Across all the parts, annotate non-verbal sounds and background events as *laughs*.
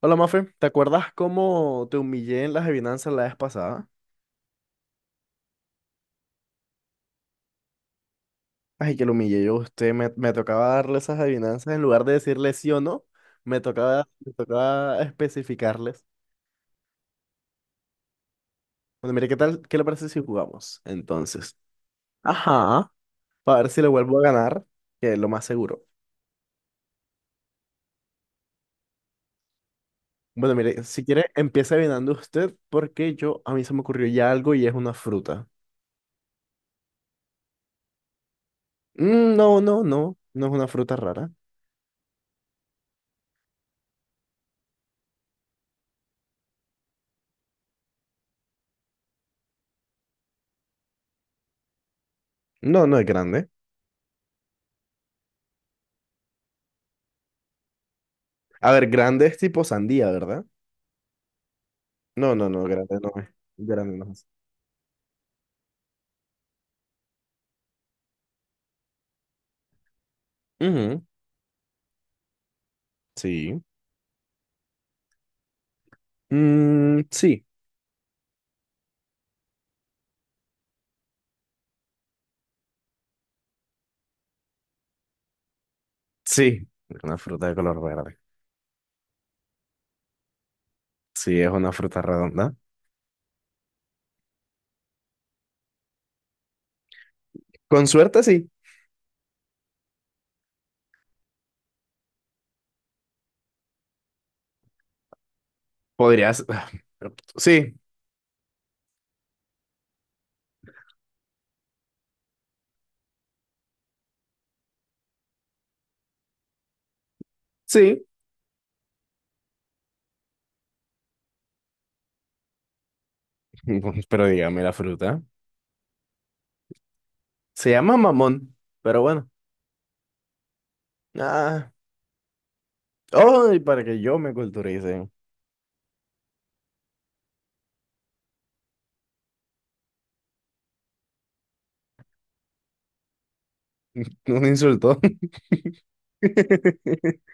Hola Mafe, ¿te acuerdas cómo te humillé en las adivinanzas la vez pasada? Ay, que lo humillé yo a usted, me tocaba darle esas adivinanzas en lugar de decirle sí o no, me tocaba especificarles. Bueno, mire, ¿qué tal? ¿Qué le parece si jugamos? Entonces, ajá, para ver si le vuelvo a ganar, que es lo más seguro. Bueno, mire, si quiere, empieza adivinando usted, porque a mí se me ocurrió ya algo y es una fruta. Mm, no, no, no, no es una fruta rara. No, no es grande. A ver, grande es tipo sandía, ¿verdad? No, no, no, grande no es. Grande no es. Ujú. Sí. Mm, sí, sí. Una fruta de color verde. Sí, es una fruta redonda. Con suerte, sí. Podrías. *sighs* Sí, sí. *laughs* Pero dígame la fruta. Se llama mamón, pero bueno. Ah. Ay, para que yo me culturice. Un insulto. *laughs*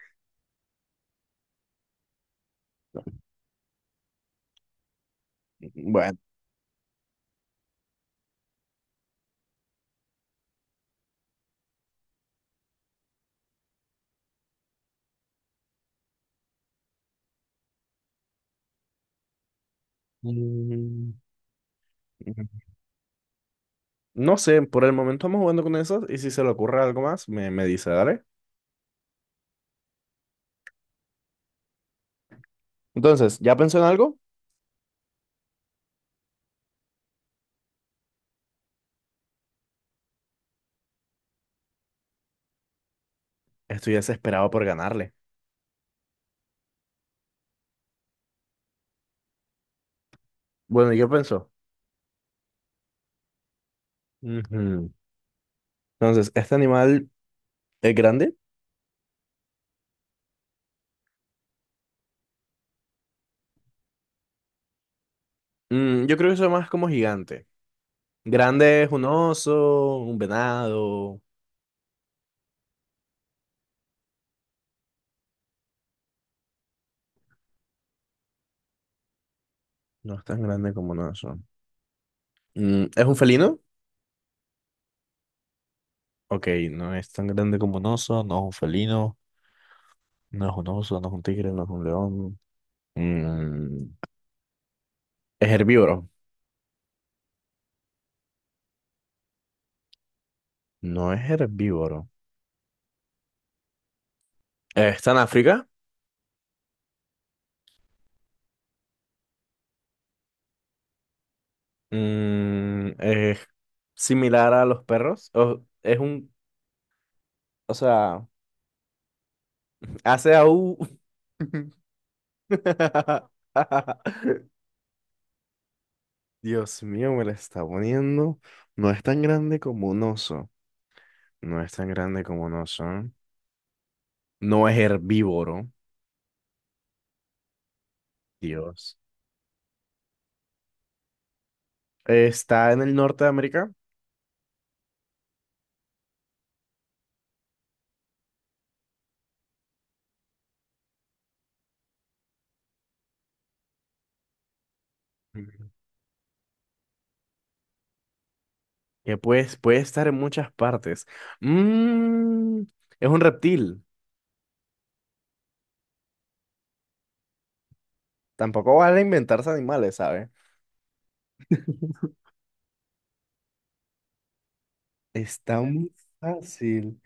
Bueno. Mm, No sé, por el momento vamos jugando con eso y si se le ocurre algo más, me dice, dale. Entonces, ¿ya pensó en algo? Estoy desesperado por ganarle. Bueno, ¿y qué pensó? Ujú. Entonces, ¿este animal es grande? Yo creo que eso es más como gigante. Grande es un oso, un venado. No es tan grande como un oso. ¿Es un felino? Ok, no es tan grande como un oso, no es un felino, no es un oso, no es un tigre, no es un león. Mm, ¿Es herbívoro? No es herbívoro. ¿Está en África? ¿Es similar a los perros? ¿O es o sea... Hace aú *laughs* Dios mío, me la está poniendo. No es tan grande como un oso. No es tan grande como un oso. No es herbívoro. Dios. Está en el norte de América. Ujú. Que pues, puede estar en muchas partes. Mm, es un reptil. Tampoco vale inventarse animales, ¿sabe? Está muy fácil.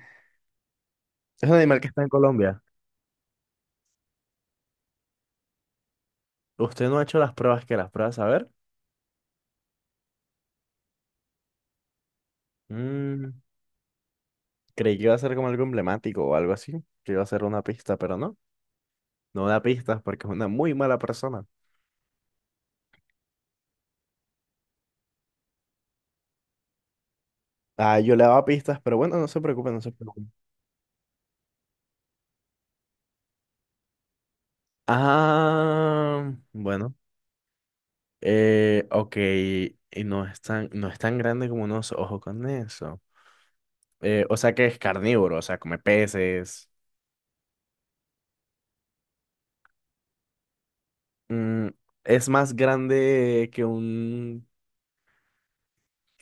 Es un animal que está en Colombia. Usted no ha hecho las pruebas que las pruebas, a ver. Mm, Creí que iba a ser como algo emblemático o algo así, que iba a ser una pista, pero no, no da pistas porque es una muy mala persona. Ah, yo le daba pistas, pero bueno, no se preocupen no se preocupen. Ah, bueno, ok, y no es tan grande como unos ojos con eso. O sea que es carnívoro, o sea, come peces. Mm, es más grande que un...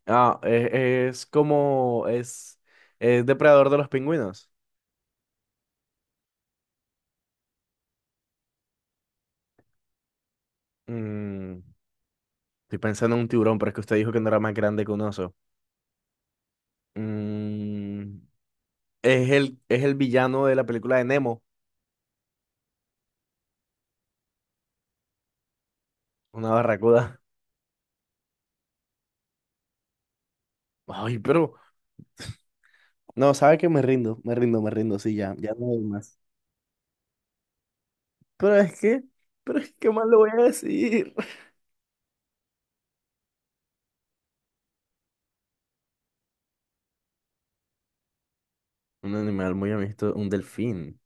Ah, es como... Es depredador de los pingüinos. Mm. Estoy pensando en un tiburón, pero es que usted dijo que no era más grande que un oso. Mm, es el villano de la película de Nemo, una barracuda. *laughs* Ay, pero... No, sabe que me rindo, me rindo, me rindo, sí, ya, ya no hay más. Pero es que, pero es que, ¿qué más le voy a decir? *laughs* Un animal muy amistoso, un delfín.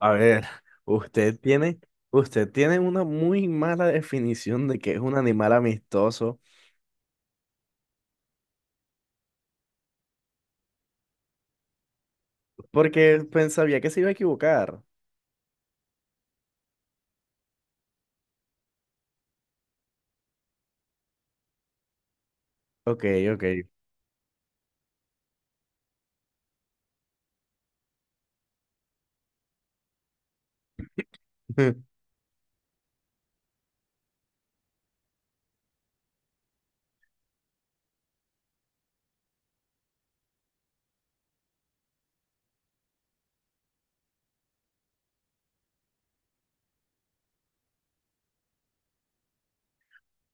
A ver, usted tiene, usted tiene una muy mala definición de que es un animal amistoso, porque pensaría que se iba a equivocar. Ok, ok. *laughs*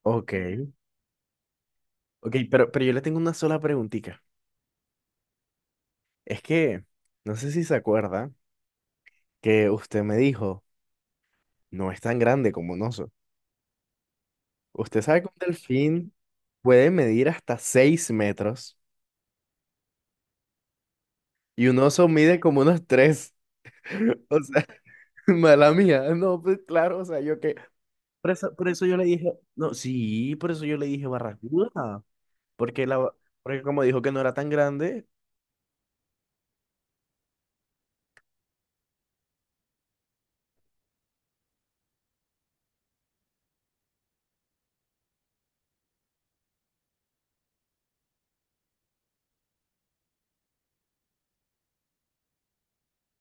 Ok, ok, pero yo le tengo una sola preguntita. Es que, no sé si se acuerda que usted me dijo, no es tan grande como un oso. Usted sabe que un delfín puede medir hasta 6 metros y un oso mide como unos 3. *laughs* O sea, *laughs* mala mía. No, pues claro, o sea, yo que... Por eso yo le dije, no, sí, por eso yo le dije barracuda. Porque, la, ba- porque como dijo que no era tan grande,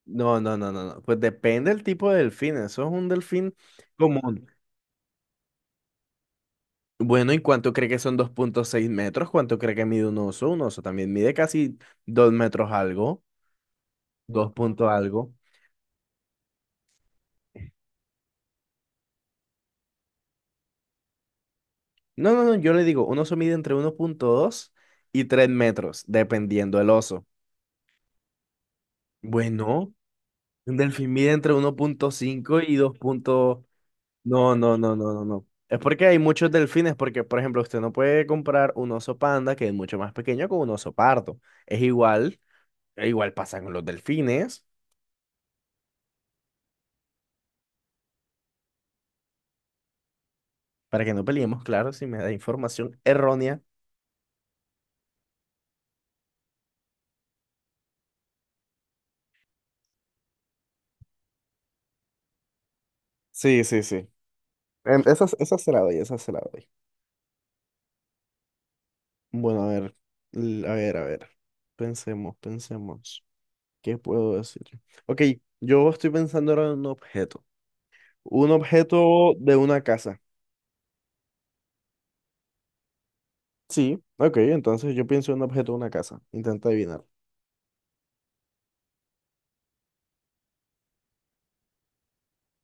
no, no, no, no, no. Pues depende del tipo de delfín. Eso es un delfín común. Bueno, ¿y cuánto cree que son 2,6 metros? ¿Cuánto cree que mide un oso? Un oso también mide casi 2 metros algo, 2 punto algo. No, no, no, yo le digo, un oso mide entre 1,2 y 3 metros, dependiendo del oso. Bueno, un delfín mide entre 1,5 y 2 punto... No, no, no, no, no, no. Es porque hay muchos delfines, porque, por ejemplo, usted no puede comprar un oso panda, que es mucho más pequeño, con un oso pardo. Es igual, igual pasa con los delfines. Para que no peleemos, claro, si me da información errónea. Sí, sí, sí. Esa se la doy, esa se la doy. Bueno, a ver, a ver, a ver. Pensemos, pensemos. ¿Qué puedo decir? Ok, yo estoy pensando ahora en un objeto. Un objeto de una casa. Sí, ok, entonces yo pienso en un objeto de una casa. Intenta adivinar.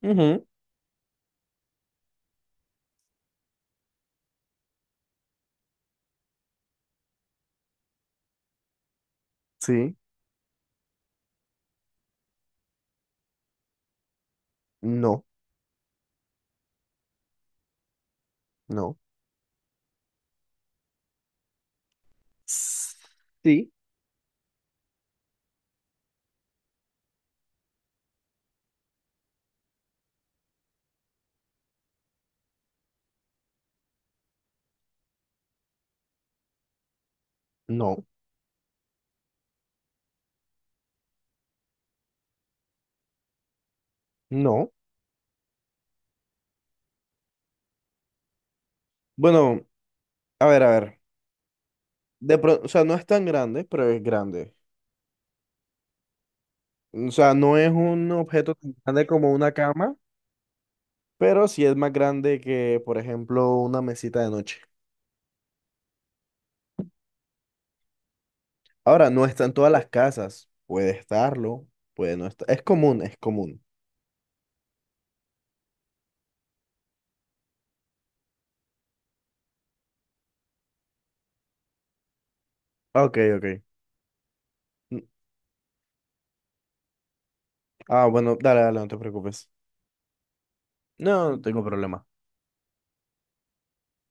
Ujú. Sí. No, no. S- sí. No, no. Bueno, a ver, a ver. O sea, no es tan grande, pero es grande. O sea, no es un objeto tan grande como una cama, pero sí es más grande que, por ejemplo, una mesita de noche. Ahora, no está en todas las casas. Puede estarlo, puede no estar. Es común, es común. Ok, ok. N- Ah, bueno, dale, dale, no te preocupes. No, no tengo problema.